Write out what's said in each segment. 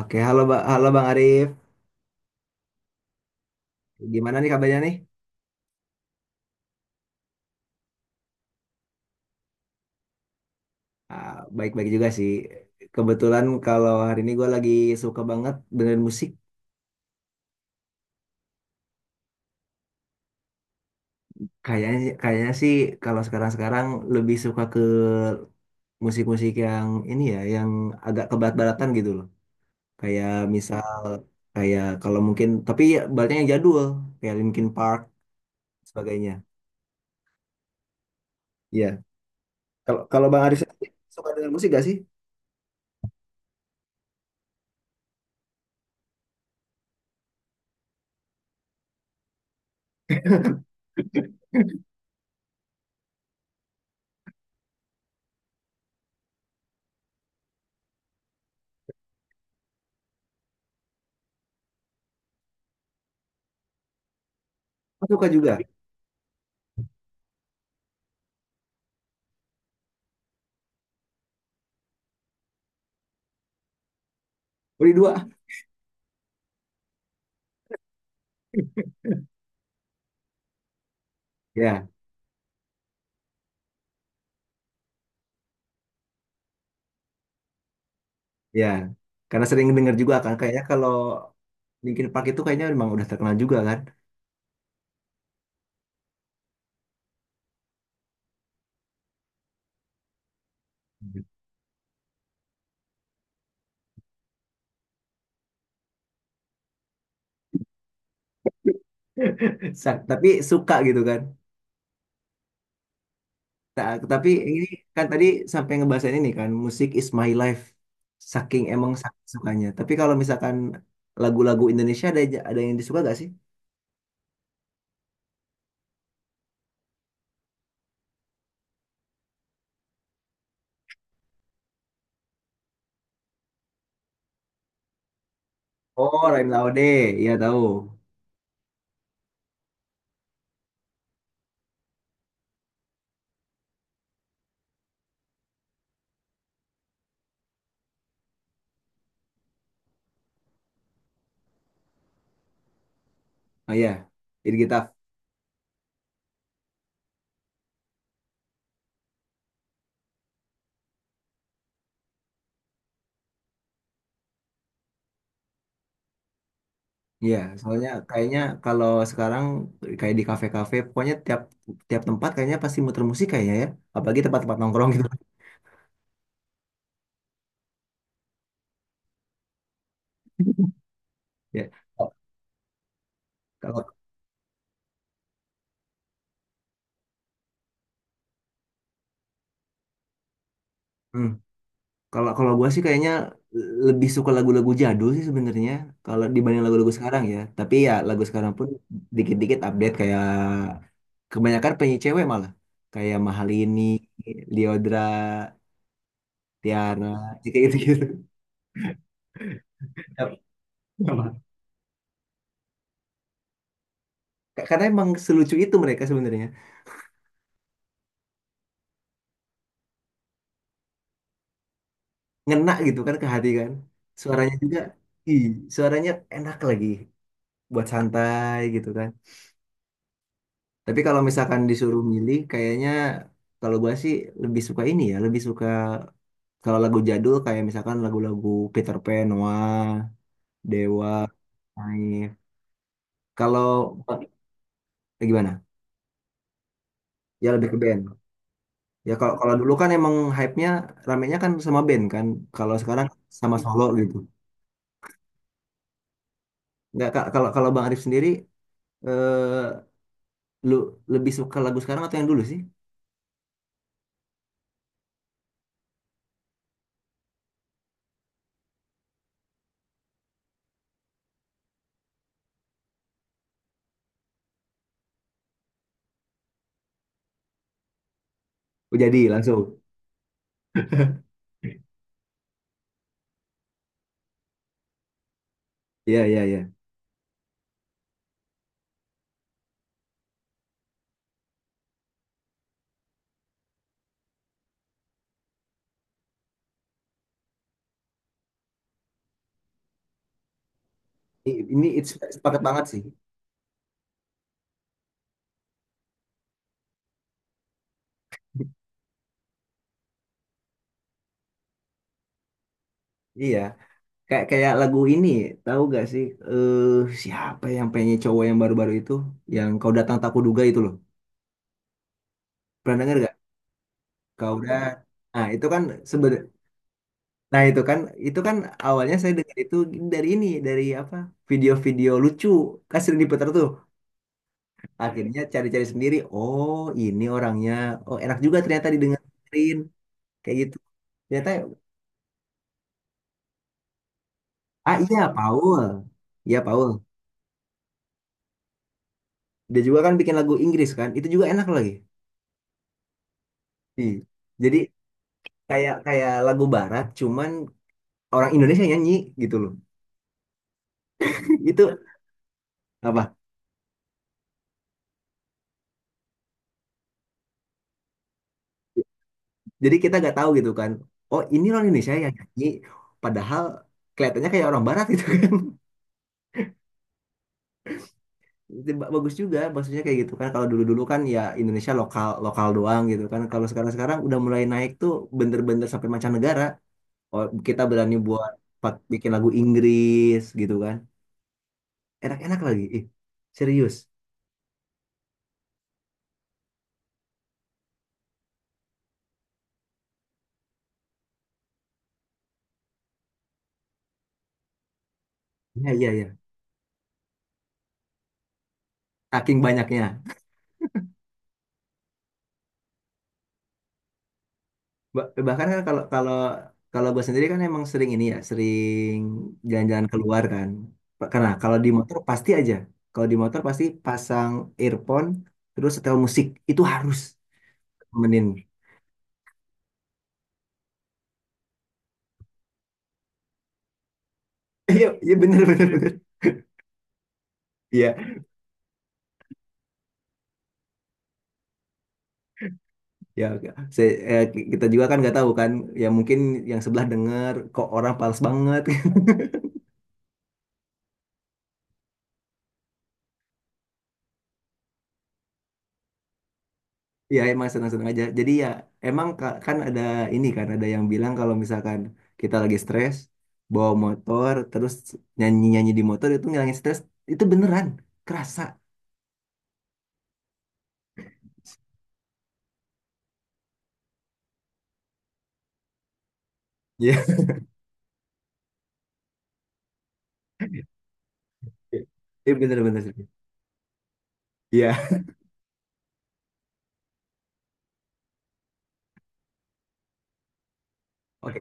Oke, halo, halo Bang Arif. Gimana nih kabarnya nih? Ah, baik-baik juga sih. Kebetulan kalau hari ini gue lagi suka banget dengan musik. Kayaknya kayaknya sih kalau sekarang-sekarang lebih suka ke musik-musik yang ini ya, yang agak kebarat-baratan gitu loh. Kayak misal kayak kalau mungkin tapi ya baratnya yang jadul, kayak Linkin Park sebagainya. Iya. Kalau kalau Bang Arif sendiri suka dengan musik gak sih? Oh, suka juga. Beri dua. Ya. Ya, karena sering dengar juga kan kayaknya kalau Linkin Park itu kayaknya memang udah terkenal juga kan. Tapi suka gitu kan. Tapi ini kan tadi sampai ngebahas ini kan musik is my life. Saking emang saking sukanya. Tapi kalau misalkan lagu-lagu Indonesia ada yang disuka gak sih? Oh, Rain Laude, iya tahu. Oh iya, Idris Gitaf. Iya, soalnya kayaknya kalau sekarang kayak di kafe-kafe, pokoknya tiap tiap tempat kayaknya pasti muter musik kayaknya ya. Apalagi tempat-tempat nongkrong gitu. Ya. Kalau hmm, kalau kalau gue sih kayaknya lebih suka lagu-lagu jadul sih sebenarnya kalau dibanding lagu-lagu sekarang ya. Tapi ya lagu sekarang pun dikit-dikit update kayak kebanyakan penyanyi cewek malah kayak Mahalini, Lyodra, Tiara, ya kayak gitu-gitu. Emang. Karena emang selucu itu mereka sebenarnya. Ngena gitu kan ke hati kan. Suaranya juga, ih, suaranya enak lagi buat santai gitu kan. Tapi kalau misalkan disuruh milih, kayaknya kalau gua sih lebih suka ini ya, lebih suka kalau lagu jadul kayak misalkan lagu-lagu Peter Pan, Noah, Dewa, Naif. Kalau Gimana? Ya lebih ke band. Ya kalau kalau dulu kan emang hype-nya ramenya kan sama band kan. Kalau sekarang sama solo gitu. Nggak Kak, kalau kalau Bang Arif sendiri eh lu lebih suka lagu sekarang atau yang dulu sih? Oh, jadi langsung. Iya, iya, iya. Ini it's sepakat banget sih. Iya. Kayak kayak lagu ini, tahu gak sih? Eh Siapa yang penyanyi cowok yang baru-baru itu, yang kau datang tak kuduga itu loh. Pernah denger gak? Kau udah. Nah itu kan seben. Nah itu kan awalnya saya dengar itu dari apa? Video-video lucu kan sering diputar tuh. Akhirnya cari-cari sendiri. Oh ini orangnya. Oh enak juga ternyata didengerin kayak gitu. Ternyata ah Iya Paul, iya Paul. Dia juga kan bikin lagu Inggris kan. Itu juga enak lagi. Ih, jadi kayak kayak lagu barat cuman orang Indonesia nyanyi gitu loh. Itu apa, jadi kita nggak tahu gitu kan, oh ini orang Indonesia yang nyanyi padahal kelihatannya kayak orang barat gitu kan. Itu bagus juga maksudnya kayak gitu kan. Kalau dulu-dulu kan ya Indonesia lokal lokal doang gitu kan, kalau sekarang-sekarang udah mulai naik tuh, bener-bener sampai mancanegara. Oh, kita berani buat buat bikin lagu Inggris gitu kan, enak-enak lagi ih serius, iya iya iya, saking banyaknya. Bahkan kan kalau kalau kalau gue sendiri kan emang sering ini ya, sering jalan-jalan keluar kan. Karena kalau di motor pasti aja, kalau di motor pasti pasang earphone terus setel musik itu harus temenin. Iya iya bener bener bener, iya, ya oke. Saya- eh, Kita juga kan nggak tahu kan, ya mungkin yang sebelah denger kok orang pals banget. Ya emang senang-senang aja. Jadi ya emang kan ada ini kan ada yang bilang kalau misalkan kita lagi stres bawa motor terus nyanyi-nyanyi di motor itu ngilangin stres, itu beneran kerasa. Ya. Iya bener-bener serius. Iya. Oke.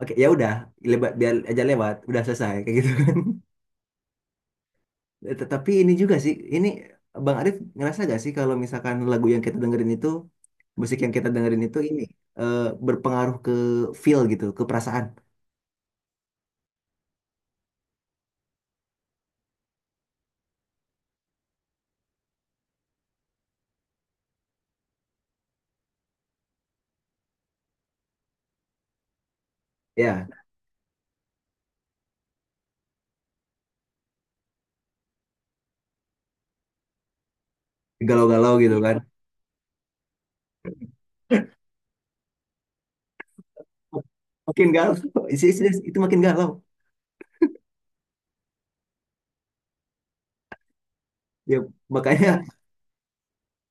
Oke, ya udah, lebat biar aja lewat, udah selesai kayak gitu kan. Tetapi ini juga sih, ini Bang Arif ngerasa gak sih kalau misalkan lagu yang kita dengerin itu, musik yang kita dengerin itu eh, berpengaruh ke feel gitu, ke perasaan. Ya. Galau-galau gitu kan, makin galau. Itu makin galau ya, makanya.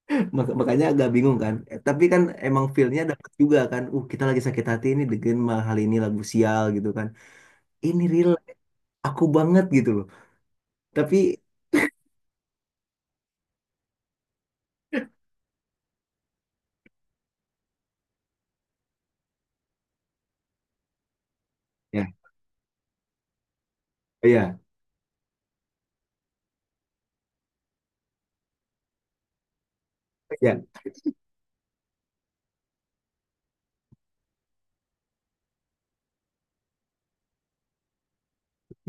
Makanya agak bingung kan. Eh, tapi kan emang feelnya dapat juga kan, kita lagi sakit hati ini dengan mah hal ini lagu sial gitu kan, ini real aku banget gitu loh. Tapi ya, oh ya, ya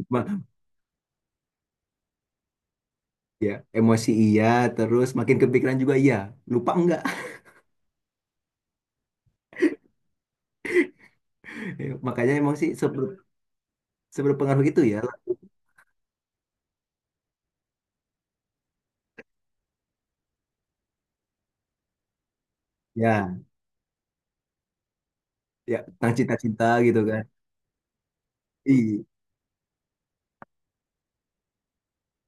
ma- ya emosi iya, terus makin kepikiran juga iya, lupa enggak. Ya, makanya emang sih seberpengaruh itu ya, ya ya tentang cinta-cinta gitu kan. Iya.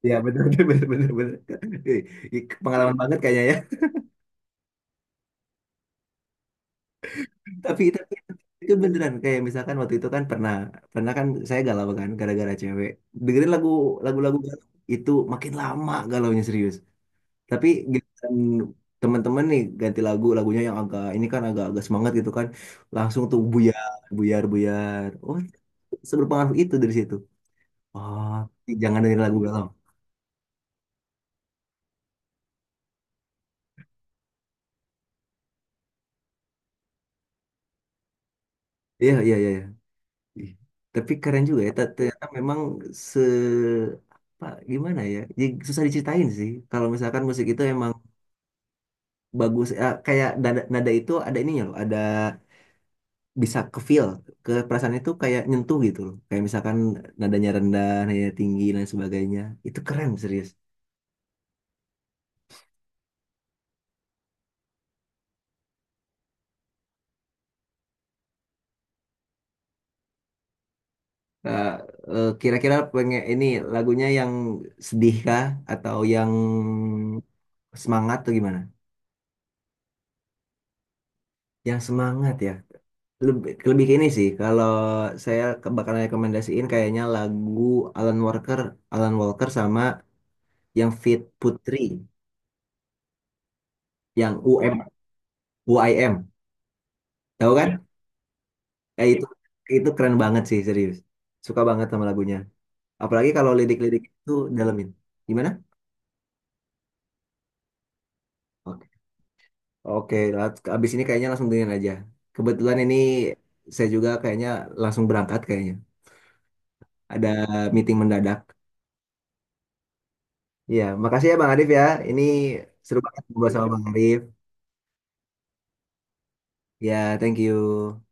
Iya benar-benar, benar-benar betul. Ih, ih, pengalaman banget kayaknya ya. Tapi itu beneran kayak misalkan waktu itu kan pernah pernah kan saya galau kan gara-gara cewek. Dengerin lagu-lagu galau, itu makin lama galaunya serius. Tapi giliran teman-teman nih ganti lagunya yang agak ini kan agak agak semangat gitu kan, langsung tuh buyar buyar buyar. Oh, seberpengaruh itu dari situ. Oh jangan dengerin lagu galau. Iya iya iya, iya. Ih, tapi keren juga ya, ternyata memang se apa, gimana ya? Jadi susah diceritain sih. Kalau misalkan musik itu emang bagus ya, kayak nada, nada itu ada ininya loh, ada bisa ke feel, ke perasaan itu kayak nyentuh gitu loh. Kayak misalkan nadanya rendah, nadanya tinggi dan sebagainya. Itu keren serius. Eh, Kira-kira pengen ini lagunya yang sedih kah atau yang semangat atau gimana? Yang semangat ya. Lebih ke ini sih, kalau saya bakal rekomendasiin kayaknya lagu Alan Walker, Alan Walker, yang Fit Putri, yang U UM, UIM, tahu kan? Ya. Ya itu keren banget sih serius, suka banget sama lagunya. Apalagi kalau lirik-lirik itu dalemin. Gimana? Oke, oke. Abis ini kayaknya langsung dengerin aja. Kebetulan ini saya juga kayaknya langsung berangkat kayaknya. Ada meeting mendadak. Iya, makasih ya Bang Arif ya. Ini seru banget ngobrol sama Bang Arif. Ya, thank you.